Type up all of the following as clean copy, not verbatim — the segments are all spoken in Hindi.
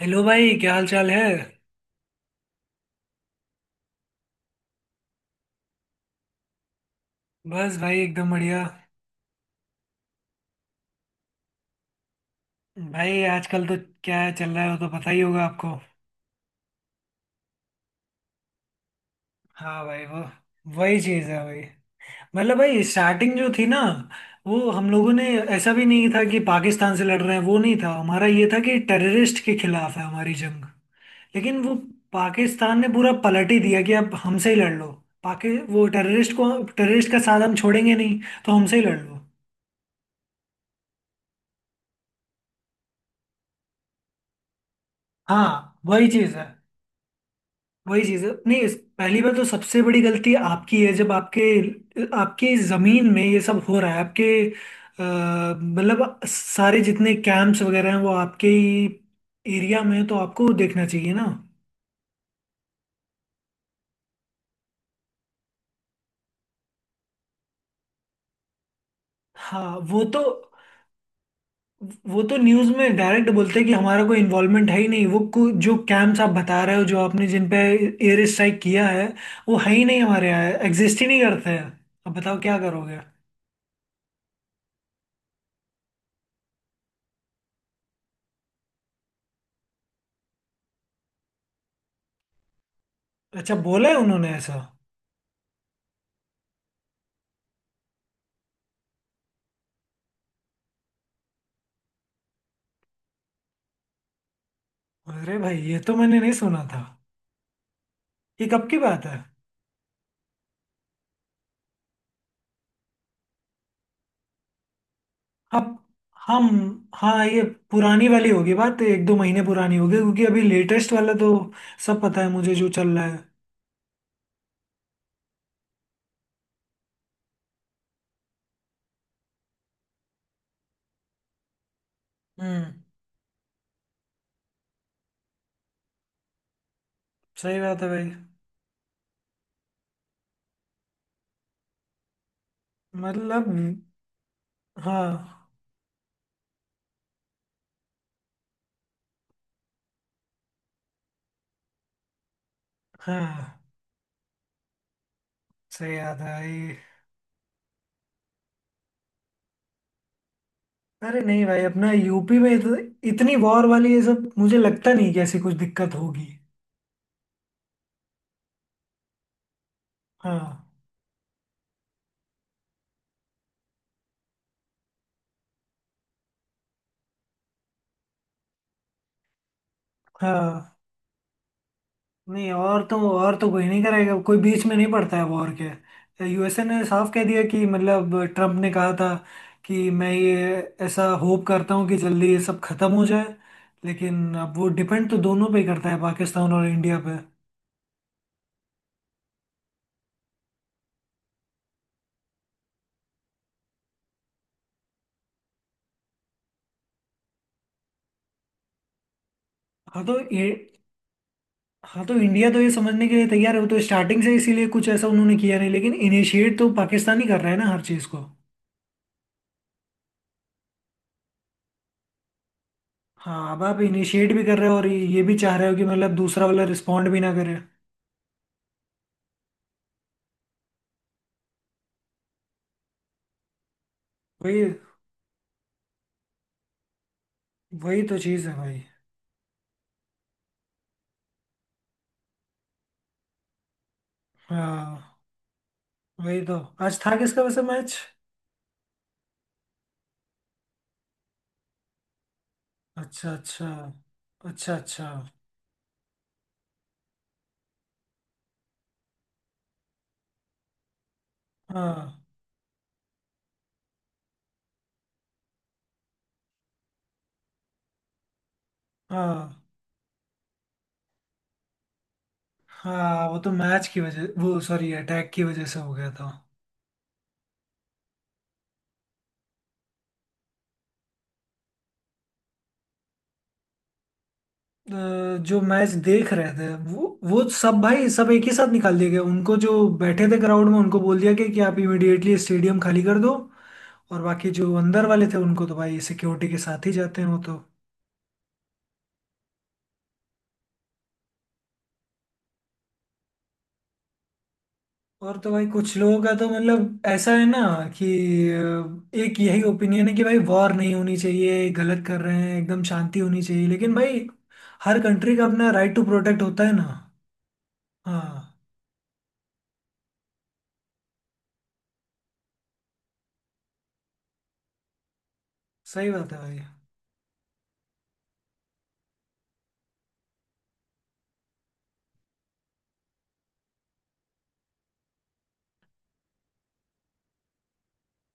हेलो भाई, क्या हाल चाल है? बस भाई एकदम बढ़िया। भाई आजकल तो क्या चल रहा है वो तो पता ही होगा आपको। हाँ भाई वो वही चीज़ है भाई। मतलब भाई स्टार्टिंग जो थी ना वो हम लोगों ने, ऐसा भी नहीं था कि पाकिस्तान से लड़ रहे हैं, वो नहीं था हमारा, ये था कि टेररिस्ट के खिलाफ है हमारी जंग। लेकिन वो पाकिस्तान ने पूरा पलट ही दिया कि अब हमसे ही लड़ लो। पाकि वो टेररिस्ट को, टेररिस्ट का साथ हम छोड़ेंगे नहीं, तो हमसे ही लड़ लो। हाँ वही चीज़ है। वही चीज है, नहीं पहली बार तो सबसे बड़ी गलती आपकी है। जब आपके आपके जमीन में ये सब हो रहा है, आपके, मतलब सारे जितने कैंप्स वगैरह हैं वो आपके ही एरिया में है, तो आपको देखना चाहिए ना। हाँ वो तो न्यूज़ में डायरेक्ट बोलते हैं कि हमारा कोई इन्वॉल्वमेंट है ही नहीं। जो कैंप्स आप बता रहे हो, जो आपने जिन पे एयर स्ट्राइक किया है, वो है ही नहीं हमारे यहाँ, एग्जिस्ट ही नहीं करते हैं। अब बताओ क्या करोगे। अच्छा, बोला है उन्होंने ऐसा? अरे भाई ये तो मैंने नहीं सुना था। ये कब की बात है? अब हम हाँ, ये पुरानी वाली होगी बात, एक दो महीने पुरानी होगी, क्योंकि अभी लेटेस्ट वाला तो सब पता है मुझे जो चल रहा है। हम्म। सही बात है भाई। मतलब, हाँ हाँ सही बात है भाई। अरे नहीं भाई, अपना यूपी में इतनी वॉर वाली ये सब मुझे लगता नहीं कि ऐसी कुछ दिक्कत होगी। हाँ हाँ, नहीं और तो कोई नहीं करेगा, कोई बीच में नहीं पड़ता है वॉर के। यूएसए ने साफ कह दिया कि, मतलब ट्रम्प ने कहा था कि मैं ये, ऐसा होप करता हूँ कि जल्दी ये सब खत्म हो जाए। लेकिन अब वो डिपेंड तो दोनों पे ही करता है, पाकिस्तान और इंडिया पे। हाँ तो ये हाँ तो इंडिया तो ये समझने के लिए तैयार है, वो तो स्टार्टिंग से इसीलिए कुछ ऐसा उन्होंने किया नहीं, लेकिन इनिशिएट तो पाकिस्तान ही कर रहा है ना हर चीज़ को। हाँ, अब आप इनिशिएट भी कर रहे हो और ये भी चाह रहे हो कि मतलब दूसरा वाला रिस्पॉन्ड भी ना करे। वही वही तो चीज़ है भाई। हाँ वही तो। आज था किसका वैसे मैच? अच्छा अच्छा। अच्छा अच्छा। हाँ हाँ हाँ, वो तो मैच की वजह, वो सॉरी, अटैक की वजह से हो गया था। जो मैच देख रहे थे वो सब, भाई सब एक ही साथ निकाल दिए गए उनको, जो बैठे थे क्राउड में उनको बोल दिया गया कि आप इमिडिएटली स्टेडियम खाली कर दो। और बाकी जो अंदर वाले थे उनको तो भाई सिक्योरिटी के साथ ही जाते हैं वो तो। और तो भाई कुछ लोगों का तो मतलब ऐसा है ना कि एक यही ओपिनियन है कि भाई वॉर नहीं होनी चाहिए, गलत कर रहे हैं, एकदम शांति होनी चाहिए, लेकिन भाई हर कंट्री का अपना राइट टू प्रोटेक्ट होता है ना। हाँ सही बात है भाई।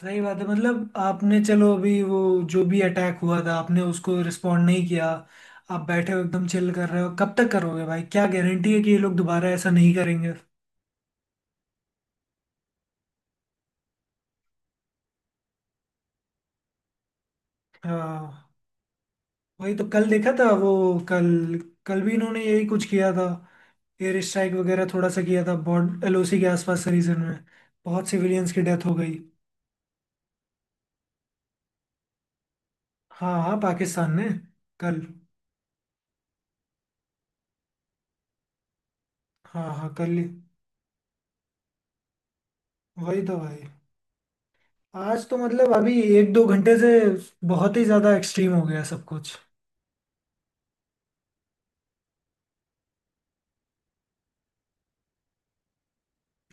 सही बात है। मतलब आपने, चलो अभी वो जो भी अटैक हुआ था आपने उसको रिस्पोंड नहीं किया, आप बैठे हो एकदम चिल कर रहे हो, कब तक करोगे भाई? क्या गारंटी है कि ये लोग दोबारा ऐसा नहीं करेंगे? हाँ वही तो, कल देखा था वो। कल कल भी इन्होंने यही कुछ किया था, एयर स्ट्राइक वगैरह थोड़ा सा किया था बॉर्ड एलओसी के आसपास के रीजन में, बहुत सिविलियंस की डेथ हो गई। हाँ हाँ पाकिस्तान ने, कल। हाँ हाँ, कल ही वही तो भाई। आज तो मतलब, अभी एक दो घंटे से बहुत ही ज्यादा एक्सट्रीम हो गया सब कुछ।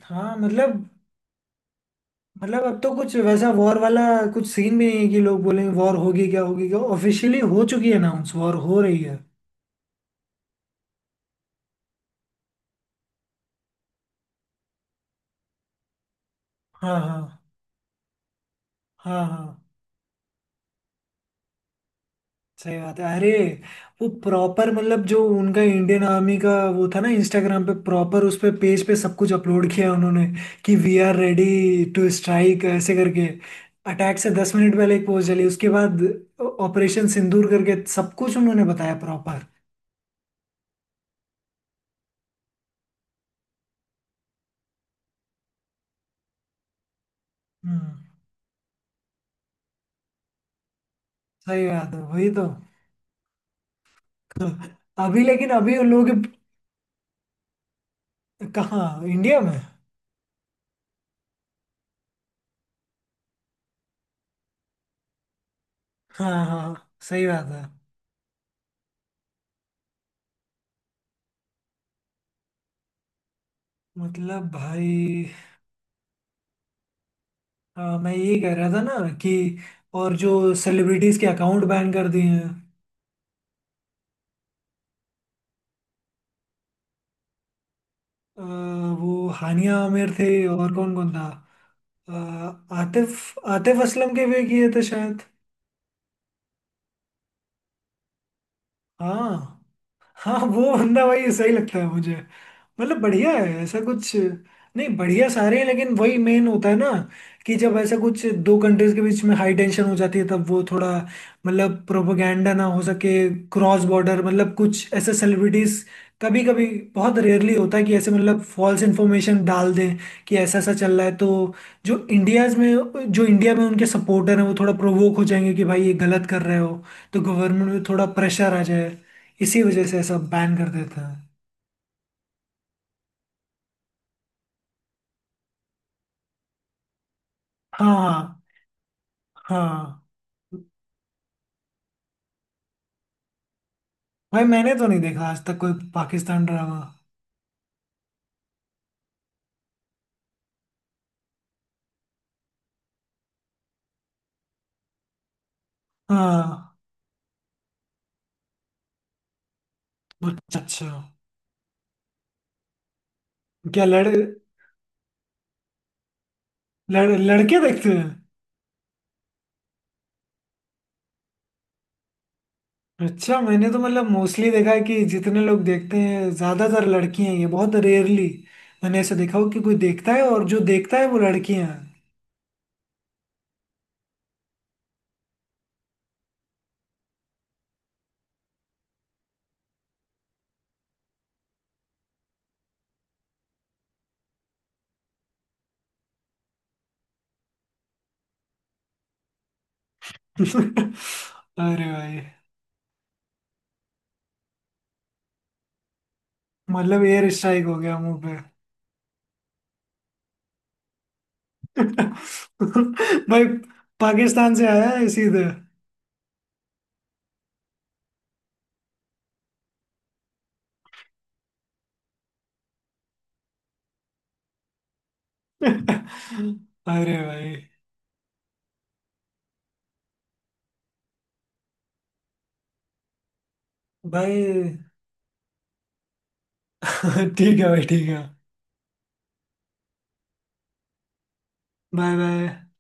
हाँ मतलब अब तो कुछ वैसा वॉर वाला कुछ सीन भी नहीं है कि लोग बोलेंगे वॉर होगी क्या होगी क्या, ऑफिशियली हो चुकी है, अनाउंस, वॉर हो रही है। हाँ हाँ हाँ। हाँ सही बात है। अरे वो प्रॉपर, मतलब जो उनका इंडियन आर्मी का वो था ना, इंस्टाग्राम पे प्रॉपर उस पे, पेज पे सब कुछ अपलोड किया उन्होंने कि we are ready to strike ऐसे करके। अटैक से 10 मिनट पहले एक पोस्ट चली, उसके बाद ऑपरेशन सिंदूर करके सब कुछ उन्होंने बताया प्रॉपर। हम्म। सही बात है, वही तो। अभी लेकिन अभी उन लोग, कहाँ इंडिया में? हाँ हाँ सही बात है। मतलब भाई, हाँ मैं यही कह रहा था ना कि, और जो सेलिब्रिटीज के अकाउंट बैन कर दिए हैं। अ, वो हानिया आमिर थे और कौन कौन था, आतिफ आतिफ असलम के भी किए थे शायद। हाँ हाँ वो बंदा भाई सही लगता है मुझे। मतलब बढ़िया है, ऐसा कुछ। नहीं, बढ़िया सारे हैं, लेकिन वही मेन होता है ना कि जब ऐसा कुछ दो कंट्रीज के बीच में हाई टेंशन हो जाती है, तब वो थोड़ा, मतलब, प्रोपोगंडा ना हो सके क्रॉस बॉर्डर, मतलब कुछ ऐसे सेलिब्रिटीज कभी कभी, बहुत रेयरली होता है कि ऐसे मतलब फॉल्स इन्फॉर्मेशन डाल दें कि ऐसा ऐसा चल रहा है, तो जो इंडिया में उनके सपोर्टर हैं वो थोड़ा प्रोवोक हो जाएंगे कि भाई ये गलत कर रहे हो। तो गवर्नमेंट में थोड़ा प्रेशर आ जाए, इसी वजह से सब बैन कर देते हैं। हाँ हाँ हाँ। भाई मैंने तो नहीं देखा आज तक कोई पाकिस्तान ड्रामा। हाँ अच्छा अच्छा। क्या लड़, लड़ लड़के देखते हैं? अच्छा, मैंने तो मतलब मोस्टली देखा है कि जितने लोग देखते हैं ज्यादातर लड़की हैं, ये बहुत रेयरली मैंने ऐसा देखा हो कि कोई देखता है, और जो देखता है वो लड़कियां हैं। अरे भाई। मतलब एयर स्ट्राइक हो गया मुंह पे। भाई पाकिस्तान से आया है सीधे। अरे भाई, भाई। ठीक है भाई, ठीक है। Bye bye.